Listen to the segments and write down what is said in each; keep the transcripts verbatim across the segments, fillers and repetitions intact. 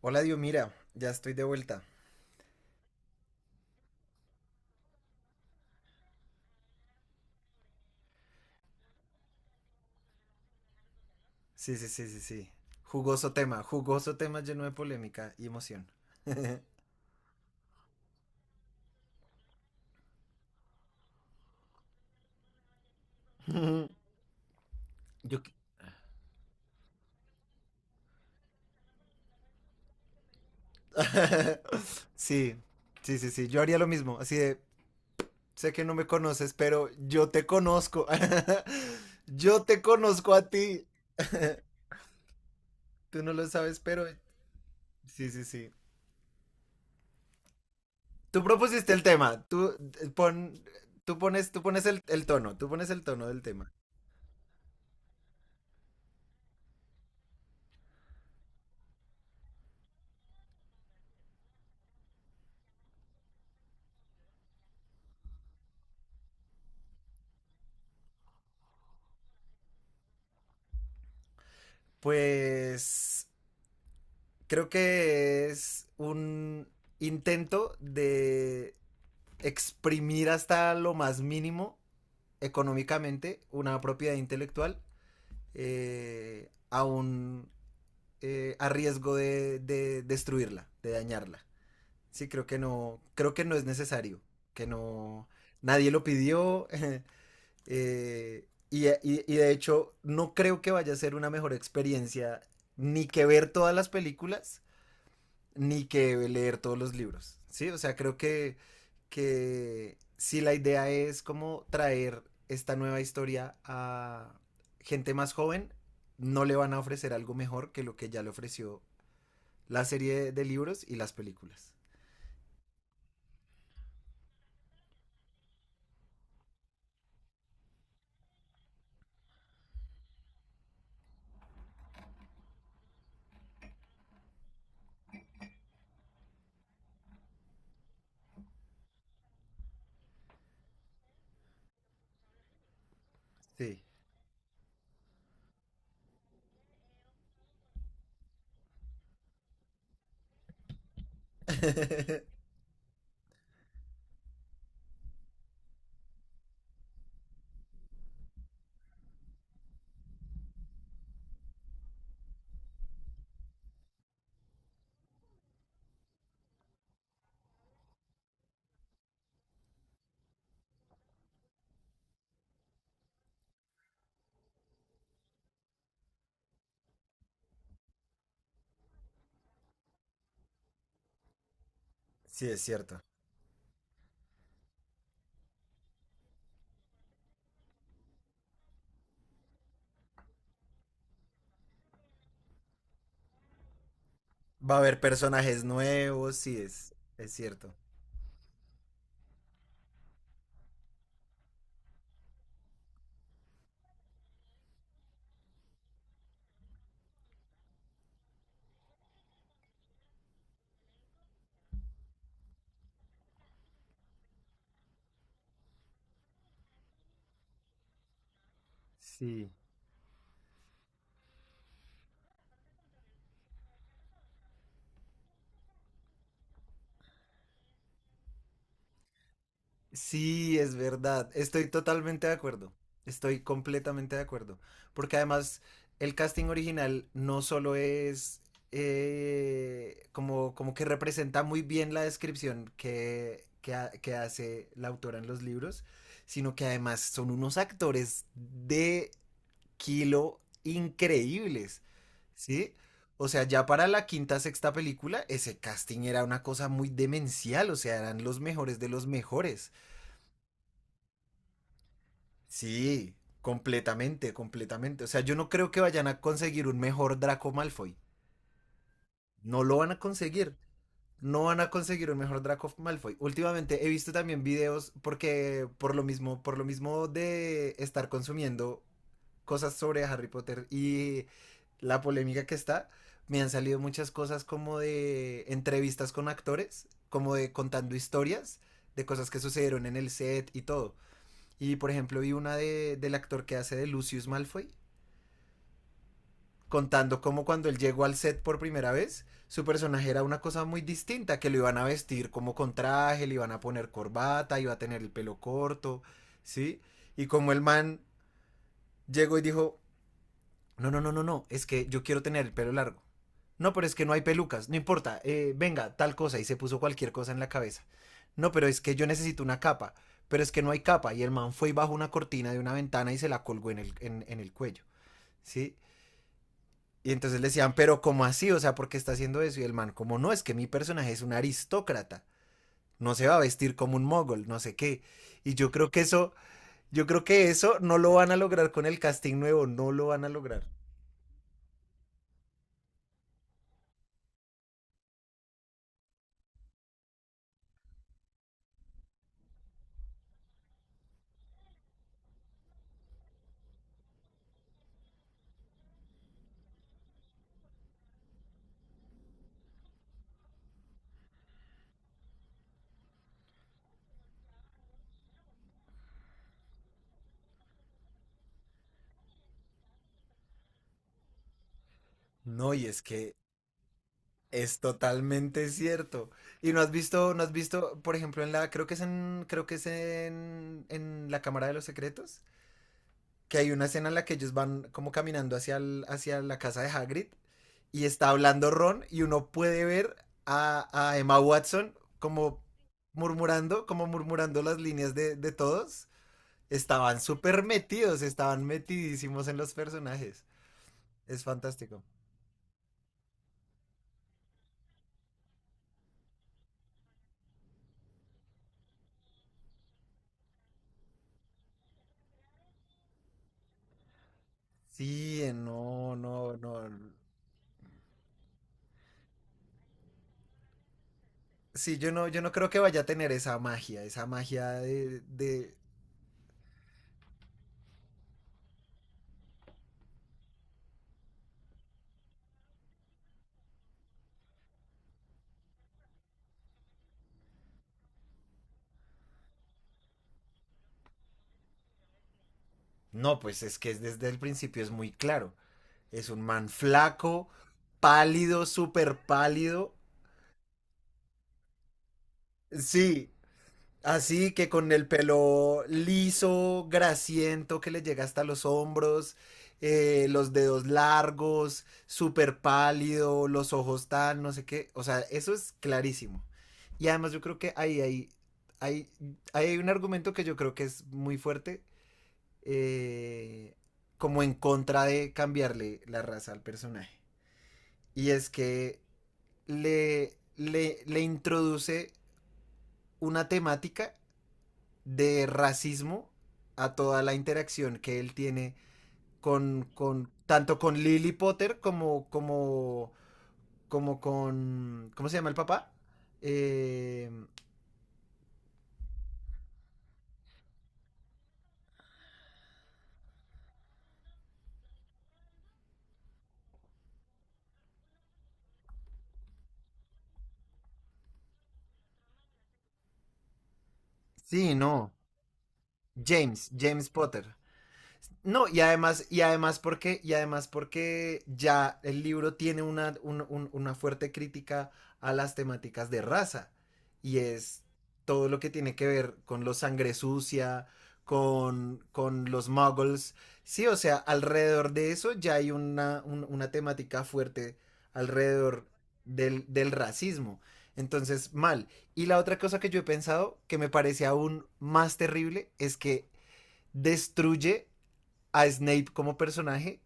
Hola, Dios, mira, ya estoy de vuelta. Sí, sí, sí, sí, sí. Jugoso tema, jugoso tema lleno de polémica y emoción. Yo... qui- Sí, sí, sí, sí, yo haría lo mismo, así de, sé que no me conoces, pero yo te conozco. Yo te conozco a ti. Tú no lo sabes, pero sí, sí, sí. Tú propusiste el tema, tú eh, pon, tú pones, tú pones el, el tono, tú pones el tono del tema. Pues creo que es un intento de exprimir hasta lo más mínimo económicamente una propiedad intelectual eh, aún eh, a riesgo de, de destruirla, de dañarla. Sí, creo que no, creo que no es necesario, que no, nadie lo pidió. eh, y, y- y de hecho no creo que vaya a ser una mejor experiencia ni que ver todas las películas, ni que leer todos los libros, ¿sí? O sea, creo que, que si la idea es como traer esta nueva historia a gente más joven, no le van a ofrecer algo mejor que lo que ya le ofreció la serie de libros y las películas. Sí, sí es cierto. Va a haber personajes nuevos, sí es, es cierto. Sí. Sí, es verdad. Estoy totalmente de acuerdo. Estoy completamente de acuerdo. Porque además el casting original no solo es eh, como, como que representa muy bien la descripción que, que, ha- que hace la autora en los libros, sino que además son unos actores de kilo increíbles. ¿Sí? O sea, ya para la quinta, sexta película, ese casting era una cosa muy demencial, o sea, eran los mejores de los mejores. Sí, completamente, completamente. O sea, yo no creo que vayan a conseguir un mejor Draco Malfoy. No lo van a conseguir. No van a conseguir un mejor Draco Malfoy. Últimamente he visto también videos porque por lo mismo, por lo mismo de estar consumiendo cosas sobre Harry Potter y la polémica que está, me han salido muchas cosas como de entrevistas con actores, como de contando historias de cosas que sucedieron en el set y todo. Y por ejemplo, vi una de, del actor que hace de Lucius Malfoy, contando cómo cuando él llegó al set por primera vez, su personaje era una cosa muy distinta, que lo iban a vestir como con traje, le iban a poner corbata, iba a tener el pelo corto, ¿sí? Y como el man llegó y dijo, No, no, no, no, no, es que yo quiero tener el pelo largo. No, pero es que no hay pelucas, no importa, eh, venga, tal cosa, y se puso cualquier cosa en la cabeza. No, pero es que yo necesito una capa, pero es que no hay capa, y el man fue y bajó una cortina de una ventana y se la colgó en el, en, en el cuello, ¿sí? Y entonces le decían, pero ¿cómo así? O sea, ¿por qué está haciendo eso? Y el man, como no, es que mi personaje es un aristócrata, no se va a vestir como un mogol, no sé qué. Y yo creo que eso, yo creo que eso no lo van a lograr con el casting nuevo, no lo van a lograr. No, y es que Es totalmente cierto. Y no has visto, no has visto, por ejemplo, en la, creo que es en, creo que es en, en la Cámara de los Secretos, que hay una escena en la que ellos van como caminando hacia, el- hacia la casa de Hagrid y está hablando Ron y uno puede ver a, a Emma Watson como murmurando, como murmurando las líneas de, de todos. Estaban súper metidos, estaban metidísimos en los personajes. Es fantástico. Sí, eh, no, no, no. Sí, yo no, yo no creo que vaya a tener esa magia, esa magia de, de... No, pues es que desde el principio es muy claro. Es un man flaco, pálido, súper pálido. Sí, así que con el pelo liso, grasiento, que le llega hasta los hombros, eh, los dedos largos, súper pálido, los ojos tan, no sé qué. O sea, eso es clarísimo. Y además yo creo que ahí hay, hay, hay un argumento que yo creo que es muy fuerte, eh, como en contra de cambiarle la raza al personaje. Y es que le, le, le introduce una temática de racismo a toda la interacción que él tiene con, con tanto con Lily Potter como, como, como con, ¿cómo se llama el papá? Eh, sí, no, James, James Potter. No, y además, y además porque, y además porque ya el libro tiene una, un- un- una fuerte crítica a las temáticas de raza. Y es todo lo que tiene que ver con los sangre sucia, con, con los muggles. Sí, o sea, alrededor de eso ya hay una, un- una temática fuerte alrededor del, del racismo. Entonces, mal. Y la otra cosa que yo he pensado, que me parece aún más terrible, es que destruye a Snape como personaje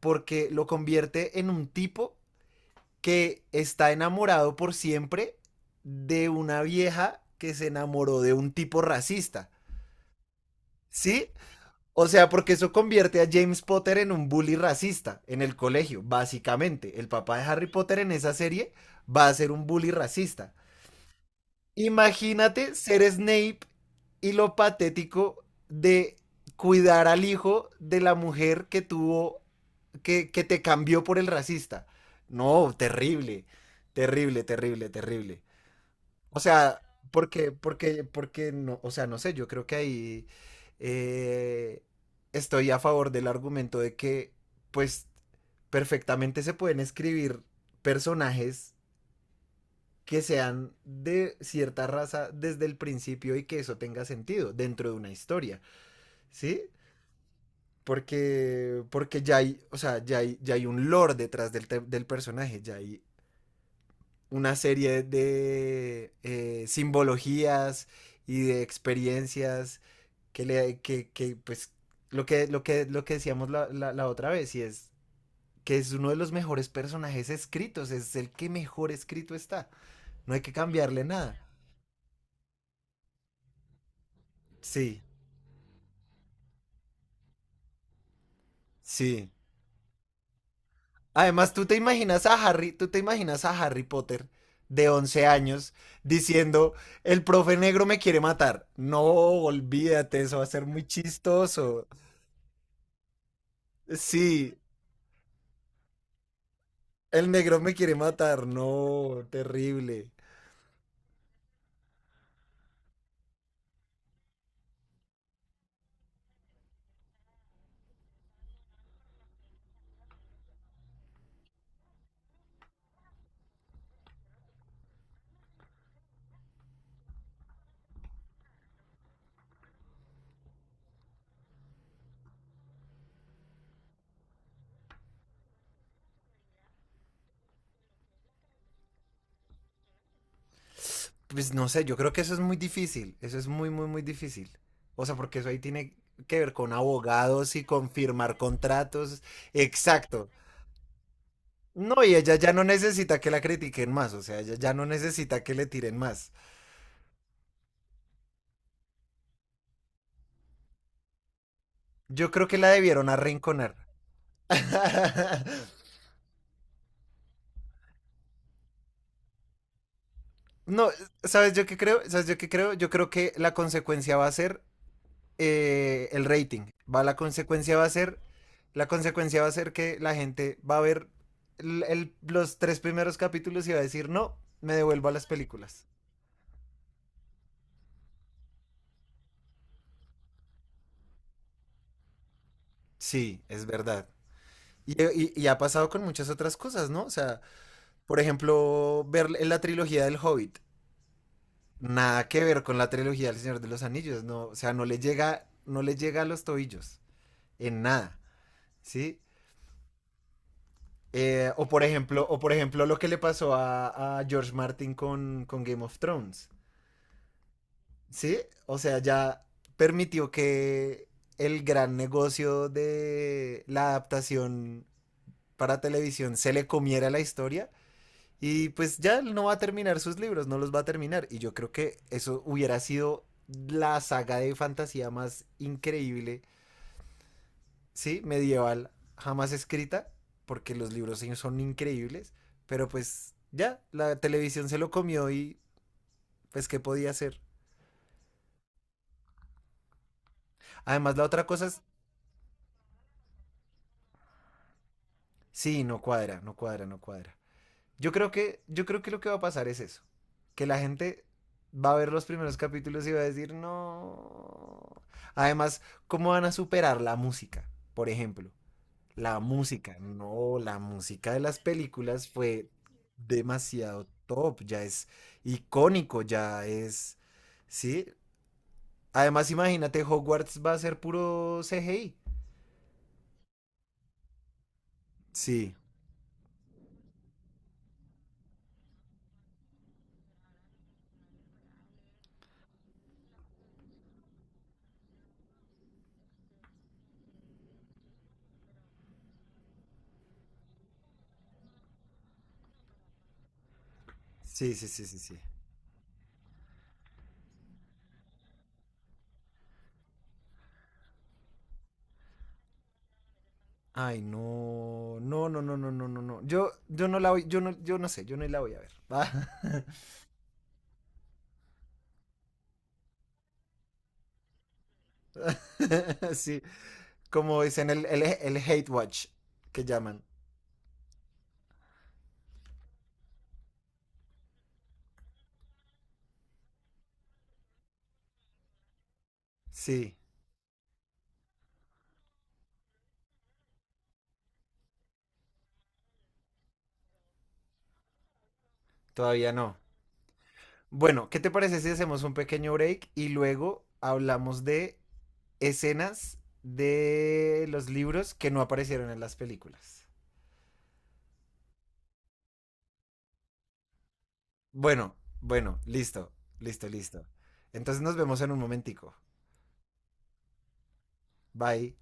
porque lo convierte en un tipo que está enamorado por siempre de una vieja que se enamoró de un tipo racista. ¿Sí? O sea, porque eso convierte a James Potter en un bully racista en el colegio, básicamente. El papá de Harry Potter en esa serie va a ser un bully racista. Imagínate ser Snape y lo patético de cuidar al hijo de la mujer que tuvo que, que te cambió por el racista. No, terrible, terrible, terrible, terrible. O sea, porque, porque, porque no, o sea, no sé, yo creo que ahí eh, estoy a favor del argumento de que, pues, perfectamente se pueden escribir personajes que sean de cierta raza desde el principio y que eso tenga sentido dentro de una historia, ¿sí? Porque, porque ya hay, o sea, ya hay, ya hay un lore detrás del, te- del personaje, ya hay una serie de eh, simbologías y de experiencias que le, que, que, pues, lo que, lo que, lo que decíamos la, la- la otra vez, y es que es uno de los mejores personajes escritos, es el que mejor escrito está, no hay que cambiarle nada. Sí, sí. Además, tú te imaginas a Harry, tú te imaginas a Harry Potter de once años diciendo, el profe negro me quiere matar. No, olvídate, eso va a ser muy chistoso. Sí, el negro me quiere matar. No, terrible. Pues no sé, yo creo que eso es muy difícil. Eso es muy, muy, muy difícil. O sea, porque eso ahí tiene que ver con abogados y con firmar contratos. Exacto. No, y ella ya no necesita que la critiquen más, o sea, ella ya no necesita que le tiren más. Yo creo que la debieron arrinconar. No, ¿sabes yo qué creo? ¿Sabes yo qué creo? Yo creo que la consecuencia va a ser eh, el rating. Va, la consecuencia va a ser. La consecuencia va a ser que la gente va a ver el- el- los tres primeros capítulos y va a decir, no, me devuelvo a las películas. Sí, es verdad. Y, y- y ha pasado con muchas otras cosas, ¿no? O sea, por ejemplo, ver la trilogía del Hobbit. nada que ver con la trilogía del Señor de los Anillos, no, o sea, no le llega, no le llega a los tobillos en nada, ¿sí? Eh, o por ejemplo, o por ejemplo lo que le pasó a, a George Martin con, con Game of Thrones, ¿sí? O sea, ya permitió que el gran negocio de la adaptación para televisión se le comiera la historia Y pues ya él no va a terminar sus libros, no los va a terminar. Y yo creo que eso hubiera sido la saga de fantasía más increíble, ¿sí? Medieval, jamás escrita, porque los libros sí son increíbles. Pero pues ya, la televisión se lo comió y pues, ¿qué podía hacer? Además, la otra cosa es, sí, no cuadra, no cuadra, no cuadra. Yo creo que, yo creo que lo que va a pasar es eso. Que la gente va a ver los primeros capítulos y va a decir, no. Además, ¿cómo van a superar la música? Por ejemplo, la música. No, la música de las películas fue demasiado top, ya es icónico, ya es... Sí. Además, imagínate, Hogwarts va a ser puro C G I. Sí, sí, sí, sí, sí, sí. Ay, no, no, no, no, no, no, no, no. Yo, yo no la voy, yo no, yo no sé, yo no la voy a ver. ¿va? sí, como dicen el, el, el hate watch que llaman. Sí, todavía no. Bueno, ¿qué te parece si hacemos un pequeño break y luego hablamos de escenas de los libros que no aparecieron en las películas? Bueno, bueno, listo, listo, listo. Entonces nos vemos en un momentico. Bye.